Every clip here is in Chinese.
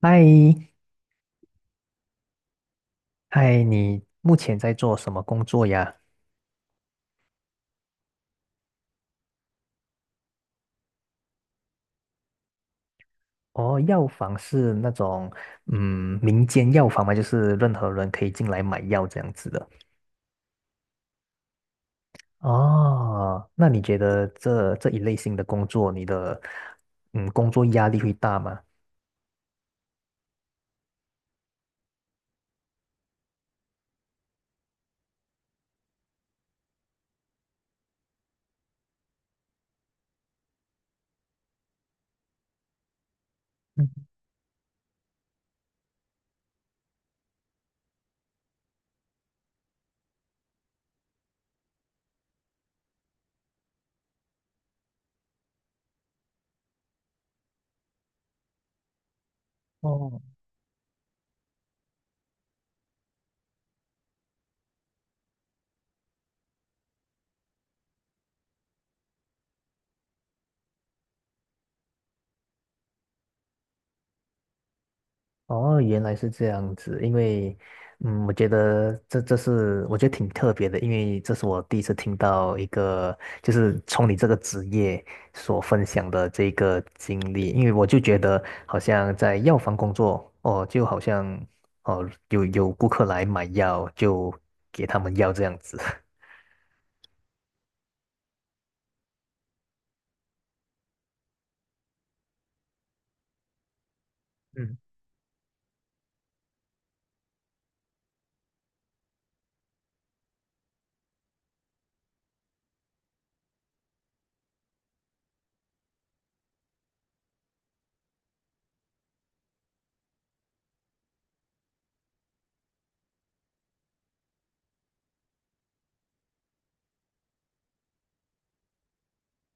嗨，嗨，你目前在做什么工作呀？哦，药房是那种民间药房吗？就是任何人可以进来买药这样子的。哦，那你觉得这一类型的工作，你的工作压力会大吗？嗯。哦。哦，原来是这样子，因为，嗯，我觉得这是我觉得挺特别的，因为这是我第一次听到一个就是从你这个职业所分享的这个经历，因为我就觉得好像在药房工作，哦，就好像哦有顾客来买药就给他们药这样子。嗯。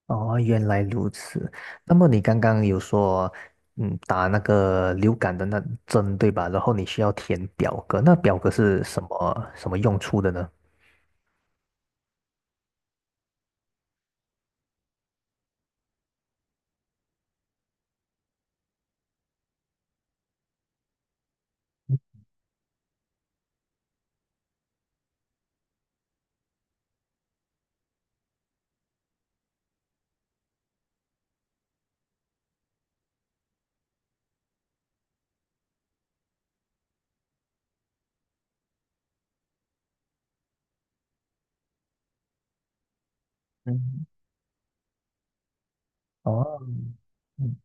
哦，原来如此。那么你刚刚有说，嗯，打那个流感的那针，对吧？然后你需要填表格，那表格是什么用处的呢？嗯。哦。嗯。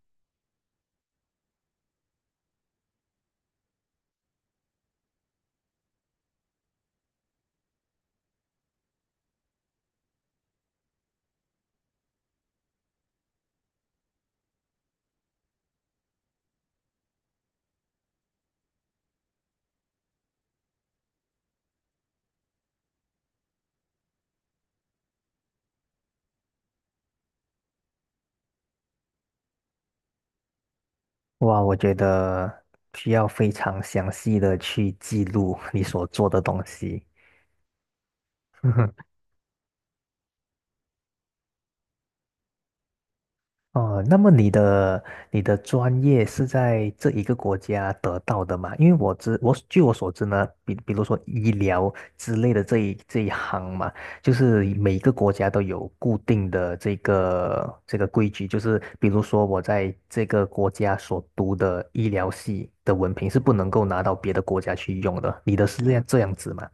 哇，我觉得需要非常详细的去记录你所做的东西。哦，那么你的你的专业是在这一个国家得到的吗？因为我据我所知呢，比如说医疗之类的这一行嘛，就是每个国家都有固定的这个规矩，就是比如说我在这个国家所读的医疗系的文凭是不能够拿到别的国家去用的。你的是这样子吗？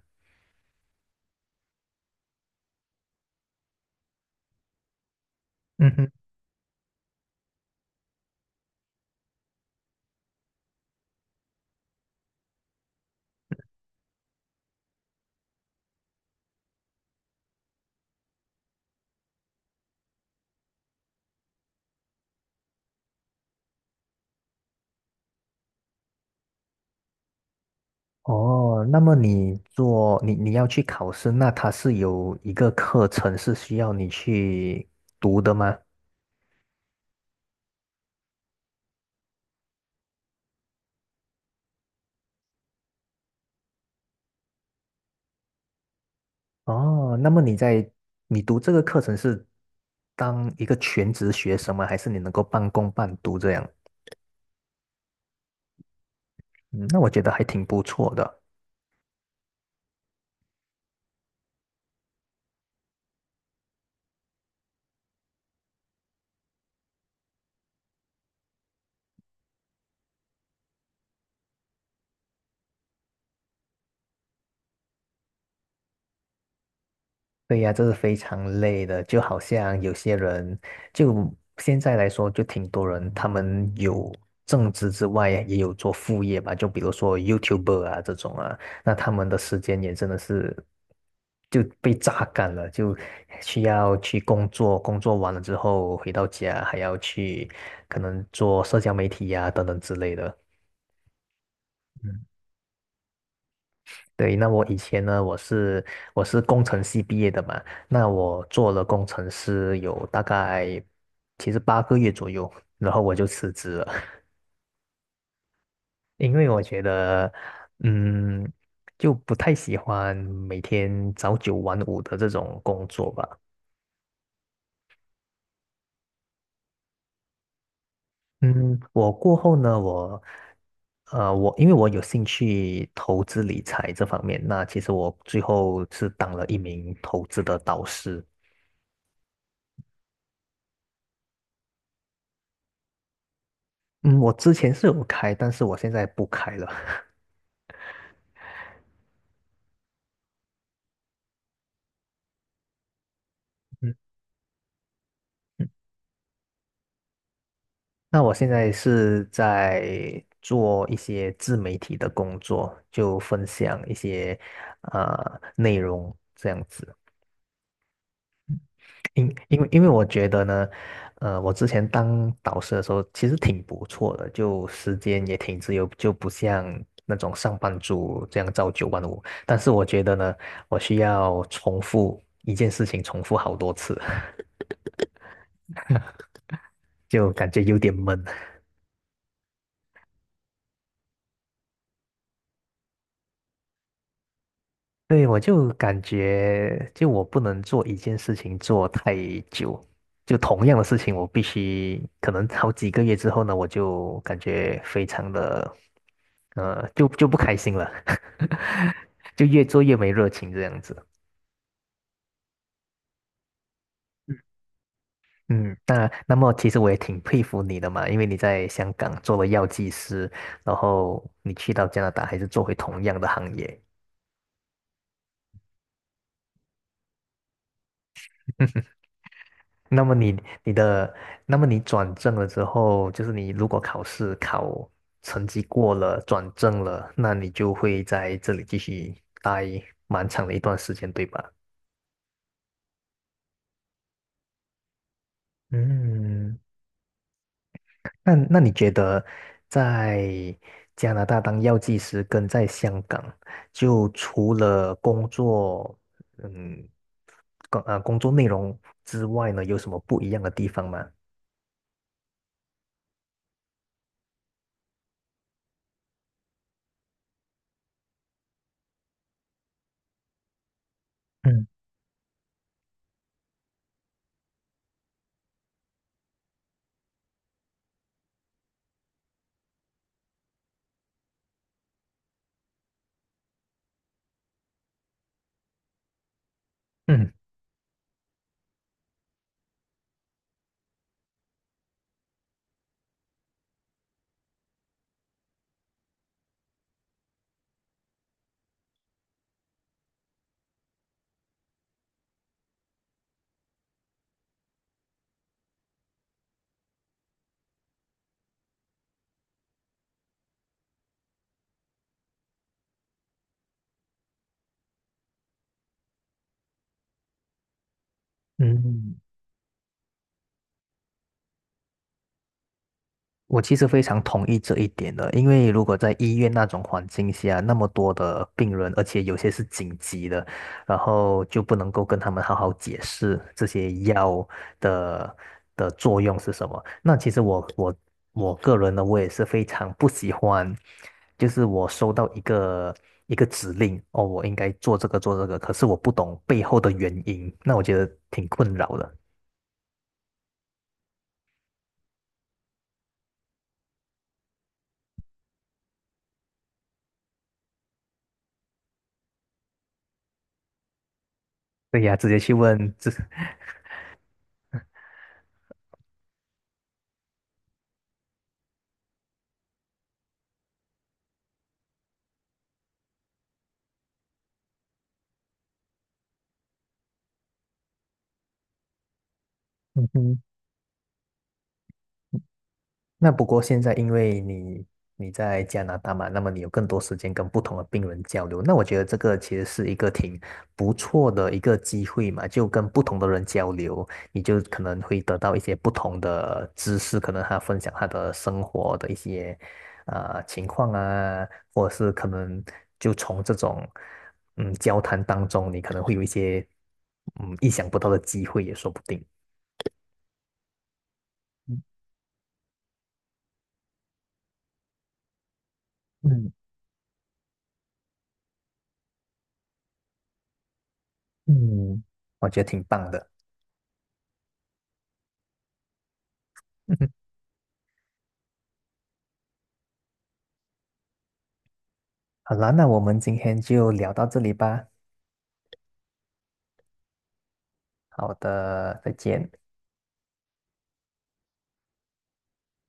哦，那么你做你你要去考试，那它是有一个课程是需要你去读的吗？哦，那么你读这个课程是当一个全职学生吗？还是你能够半工半读这样？嗯，那我觉得还挺不错的。对呀，这是非常累的，就好像有些人，就现在来说，就挺多人，他们有正职之外，也有做副业吧，就比如说 YouTuber 啊这种啊，那他们的时间也真的是就被榨干了，就需要去工作，工作完了之后回到家还要去可能做社交媒体呀、等等之类的。嗯。对，那我以前呢，我是工程系毕业的嘛，那我做了工程师有大概其实八个月左右，然后我就辞职了。因为我觉得，嗯，就不太喜欢每天早九晚五的这种工作吧。嗯，我过后呢，我，我因为我有兴趣投资理财这方面，那其实我最后是当了一名投资的导师。嗯，我之前是有开，但是我现在不开了。嗯嗯，那我现在是在做一些自媒体的工作，就分享一些内容这样子。因为因为我觉得呢，我之前当导师的时候其实挺不错的，就时间也挺自由，就不像那种上班族这样朝九晚五。但是我觉得呢，我需要重复一件事情，重复好多次。就感觉有点闷。对，我就感觉，就我不能做一件事情做太久，就同样的事情，我必须可能好几个月之后呢，我就感觉非常的，就不开心了。就越做越没热情这样子。嗯，那那么其实我也挺佩服你的嘛，因为你在香港做了药剂师，然后你去到加拿大还是做回同样的行业，那么你你的，那么你转正了之后，就是你如果考试考成绩过了，转正了，那你就会在这里继续待蛮长的一段时间，对吧？嗯，那你觉得在加拿大当药剂师跟在香港，就除了工作，嗯，工作内容之外呢，有什么不一样的地方吗？嗯。嗯。嗯。我其实非常同意这一点的，因为如果在医院那种环境下，那么多的病人，而且有些是紧急的，然后就不能够跟他们好好解释这些药的的作用是什么。那其实我个人呢，我也是非常不喜欢，就是我收到一个指令，哦，我应该做这个，可是我不懂背后的原因，那我觉得挺困扰的。对呀，直接去问这。那不过现在因为你在加拿大嘛，那么你有更多时间跟不同的病人交流，那我觉得这个其实是一个挺不错的一个机会嘛，就跟不同的人交流，你就可能会得到一些不同的知识，可能他分享他的生活的一些情况啊，或者是可能就从这种交谈当中，你可能会有一些意想不到的机会也说不定。嗯。嗯。嗯，我觉得挺棒的。好啦，那我们今天就聊到这里吧。好的，再见。